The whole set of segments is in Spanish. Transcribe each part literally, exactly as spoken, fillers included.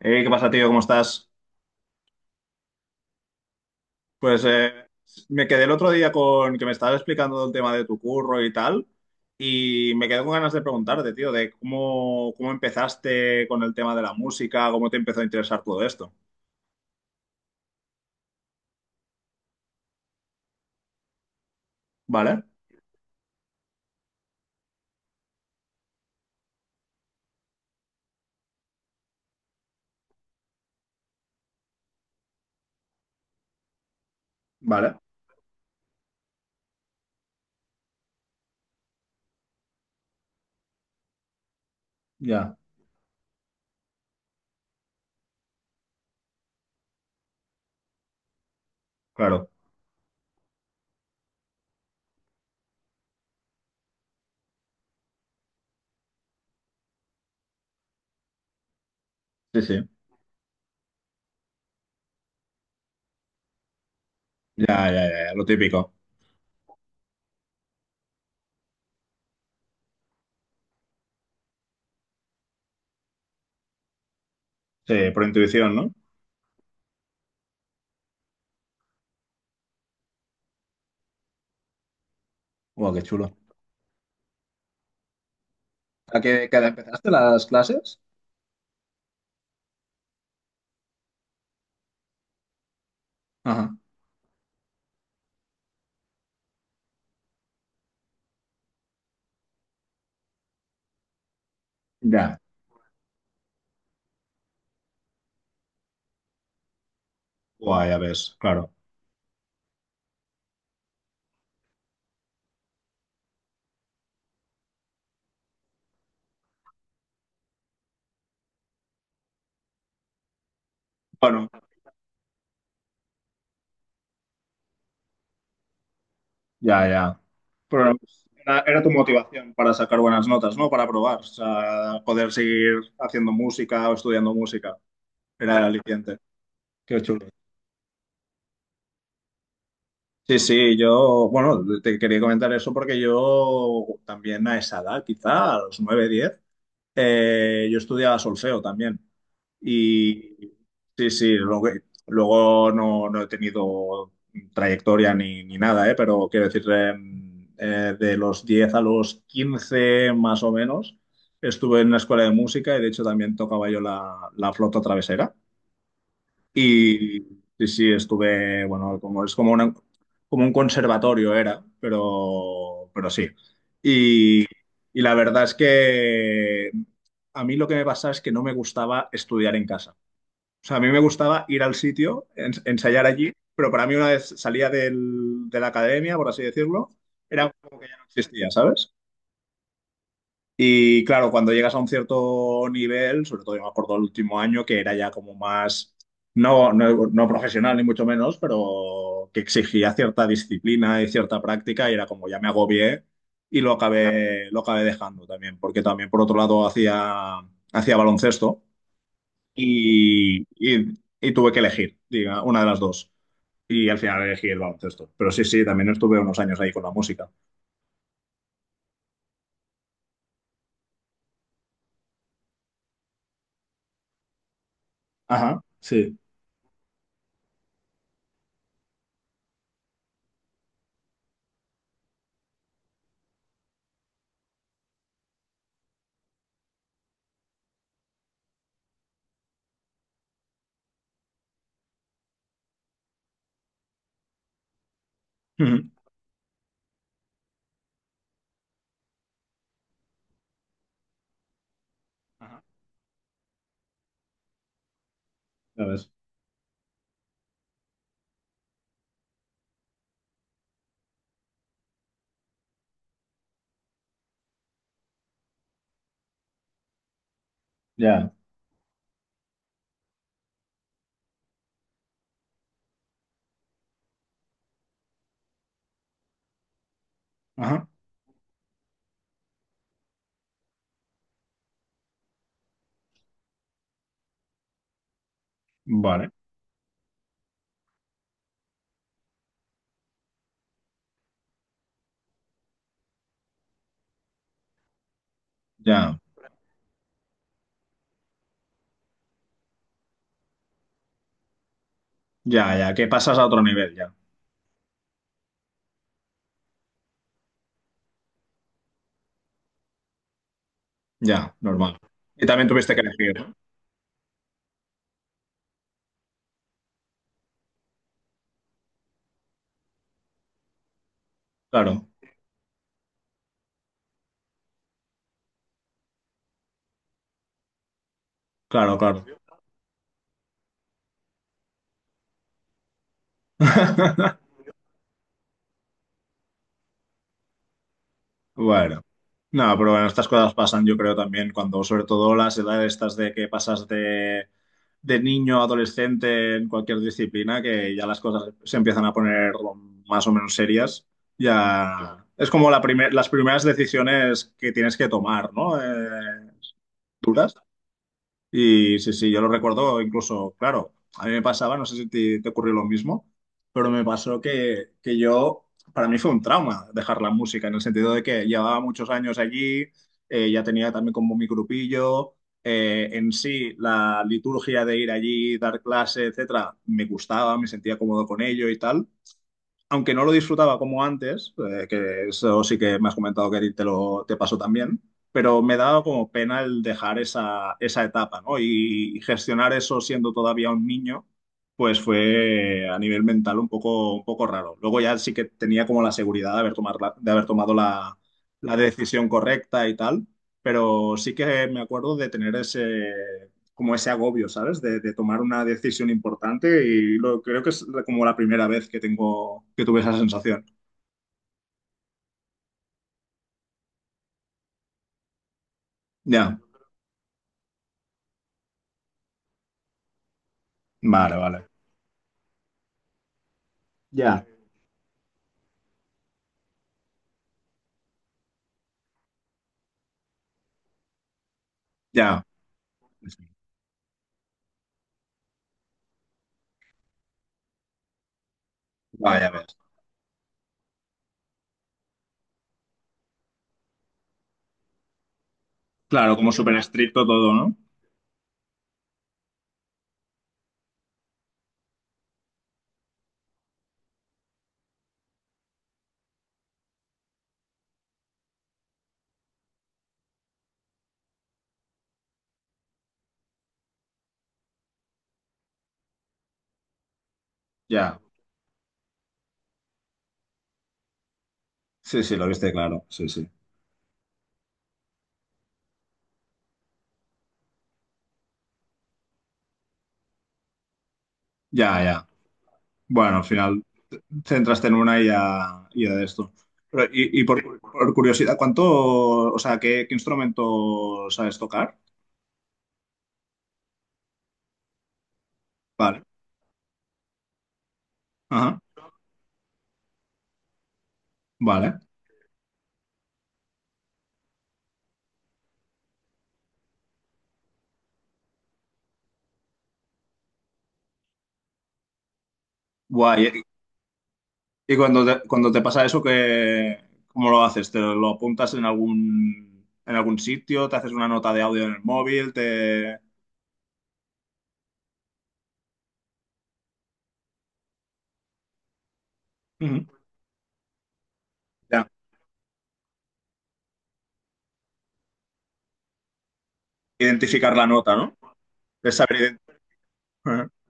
Eh, ¿qué pasa, tío? ¿Cómo estás? Pues eh, me quedé el otro día con que me estabas explicando el tema de tu curro y tal, y me quedé con ganas de preguntarte, tío, de cómo, cómo empezaste con el tema de la música, cómo te empezó a interesar todo esto. ¿Vale? Vale, ya, claro. Sí, sí. Ya, ya, ya, ya, lo típico. Sí, por intuición, ¿no? Guau, qué chulo. ¿A qué qué edad empezaste las clases? Ajá. Ya. Guau, ya ves, claro. Bueno. Ya, ya. Pero era, era tu motivación para sacar buenas notas, ¿no? Para probar, o sea, poder seguir haciendo música o estudiando música. Era el aliciente. Qué chulo. Sí, sí, yo, bueno, te quería comentar eso porque yo también a esa edad, quizá a los nueve, diez. Eh, yo estudiaba solfeo también. Y sí, sí, lo que- luego no, no he tenido trayectoria ni, ni nada, ¿eh? Pero quiero decir, eh, eh, de los diez a los quince más o menos, estuve en una escuela de música y de hecho también tocaba yo la, la flauta travesera. Y sí, sí, estuve, bueno, como es como una, como un conservatorio era, pero, pero sí. Y, y la verdad es que a mí lo que me pasaba es que no me gustaba estudiar en casa. O sea, a mí me gustaba ir al sitio, ens- ensayar allí, pero para mí una vez salía del- de la academia, por así decirlo, era como que no existía, ¿sabes? Y claro, cuando llegas a un cierto nivel, sobre todo yo me acuerdo el último año, que era ya como más, no, no, no profesional ni mucho menos, pero que exigía cierta disciplina y cierta práctica y era como ya me agobié y lo acabé, lo acabé dejando también, porque también por otro lado hacía, hacía baloncesto y, y, y tuve que elegir, diga, una de las dos. Y al final elegí el baloncesto. Pero sí, sí, también estuve unos años ahí con la música. Ajá, sí. Ujú. Ajá. Ya ves. Ya. Ajá. Vale, ya, ya, ya, que pasas a otro nivel, ya, ya, normal. Y también tuviste que elegir, ¿no? Claro, claro, claro. Bueno, no, pero bueno, estas cosas pasan, yo creo también, cuando sobre todo las edades estas de que pasas de, de niño a adolescente en cualquier disciplina, que ya las cosas se empiezan a poner más o menos serias, ya es como la primer- las primeras decisiones que tienes que tomar, ¿no? Eh, duras. Y sí, sí, yo lo recuerdo incluso, claro, a mí me pasaba, no sé si te, te ocurrió lo mismo, pero me pasó que, que yo, para mí fue un trauma dejar la música, en el sentido de que llevaba muchos años allí, eh, ya tenía también como mi grupillo, eh, en sí la liturgia de ir allí, dar clase, etcétera, me gustaba, me sentía cómodo con ello y tal, aunque no lo disfrutaba como antes, eh, que eso sí que me has comentado que a ti te lo te pasó también, pero me daba como pena el dejar esa, esa etapa, ¿no? Y, y gestionar eso siendo todavía un niño, pues fue a nivel mental un poco, un poco raro. Luego ya sí que tenía como la seguridad de haber, tomar la- de haber tomado la, la decisión correcta y tal, pero sí que me acuerdo de tener ese, como ese agobio, ¿sabes? De, de tomar una decisión importante y lo, creo que es como la primera vez que tengo, que tuve esa sensación. Ya, vale, vale. Ya. Vale. Ya. Vaya, ves. Claro, como súper estricto todo, ¿no? Ya. Sí, sí, lo viste claro. Sí, sí. Ya, ya. Bueno, al final centraste en una y ya, y ya de esto. Pero, y, y por, por curiosidad, ¿cuánto, o sea, qué, qué instrumento sabes tocar? Vale. Ajá. Vale. Guay. Y cuando te, cuando te pasa eso, ¿qué, ¿cómo lo haces? ¿Te lo apuntas en algún, en algún sitio? ¿Te haces una nota de audio en el móvil? ¿Te... Ujú. Ya, identificar la nota, ¿no? Es saber ident-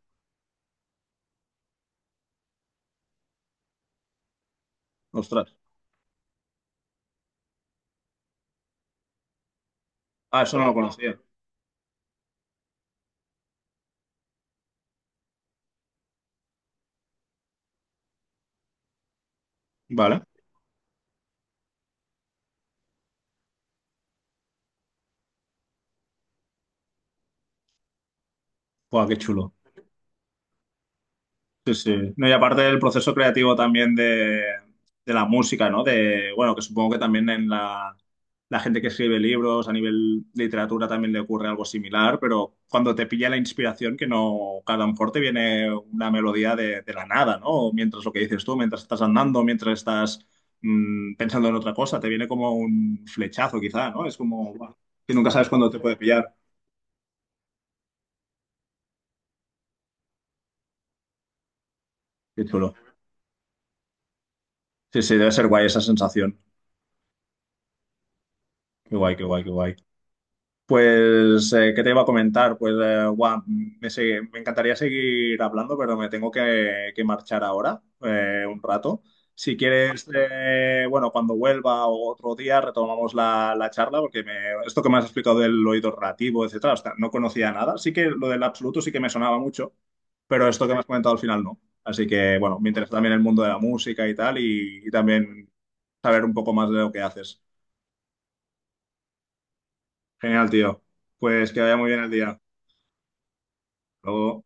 Ostras. Ah, eso no lo conocía. Vale. Buah, qué chulo. Sí, sí. No, y aparte del proceso creativo también de, de la música, ¿no? De, bueno, que supongo que también en la, la gente que escribe libros, a nivel literatura también le ocurre algo similar, pero cuando te pilla la inspiración, que no, que a lo mejor te viene una melodía de, de la nada, ¿no? O mientras lo que dices tú, mientras estás andando, mientras estás mm, pensando en otra cosa, te viene como un flechazo quizá, ¿no? Es como, guau, que nunca sabes cuándo te puede pillar. Qué chulo. Sí, sí, debe ser guay esa sensación. Qué guay, qué guay, qué guay. Pues, eh, ¿qué te iba a comentar? Pues, eh, guau, me, se- me encantaría seguir hablando, pero me tengo que, que marchar ahora, eh, un rato. Si quieres, eh, bueno, cuando vuelva o otro día retomamos la, la charla, porque me, esto que me has explicado del oído relativo, etcétera, hasta no conocía nada. Sí que lo del absoluto sí que me sonaba mucho, pero esto que me has comentado al final no. Así que, bueno, me interesa también el mundo de la música y tal, y, y también saber un poco más de lo que haces. Genial, tío. Pues que vaya muy bien el día. Hasta luego.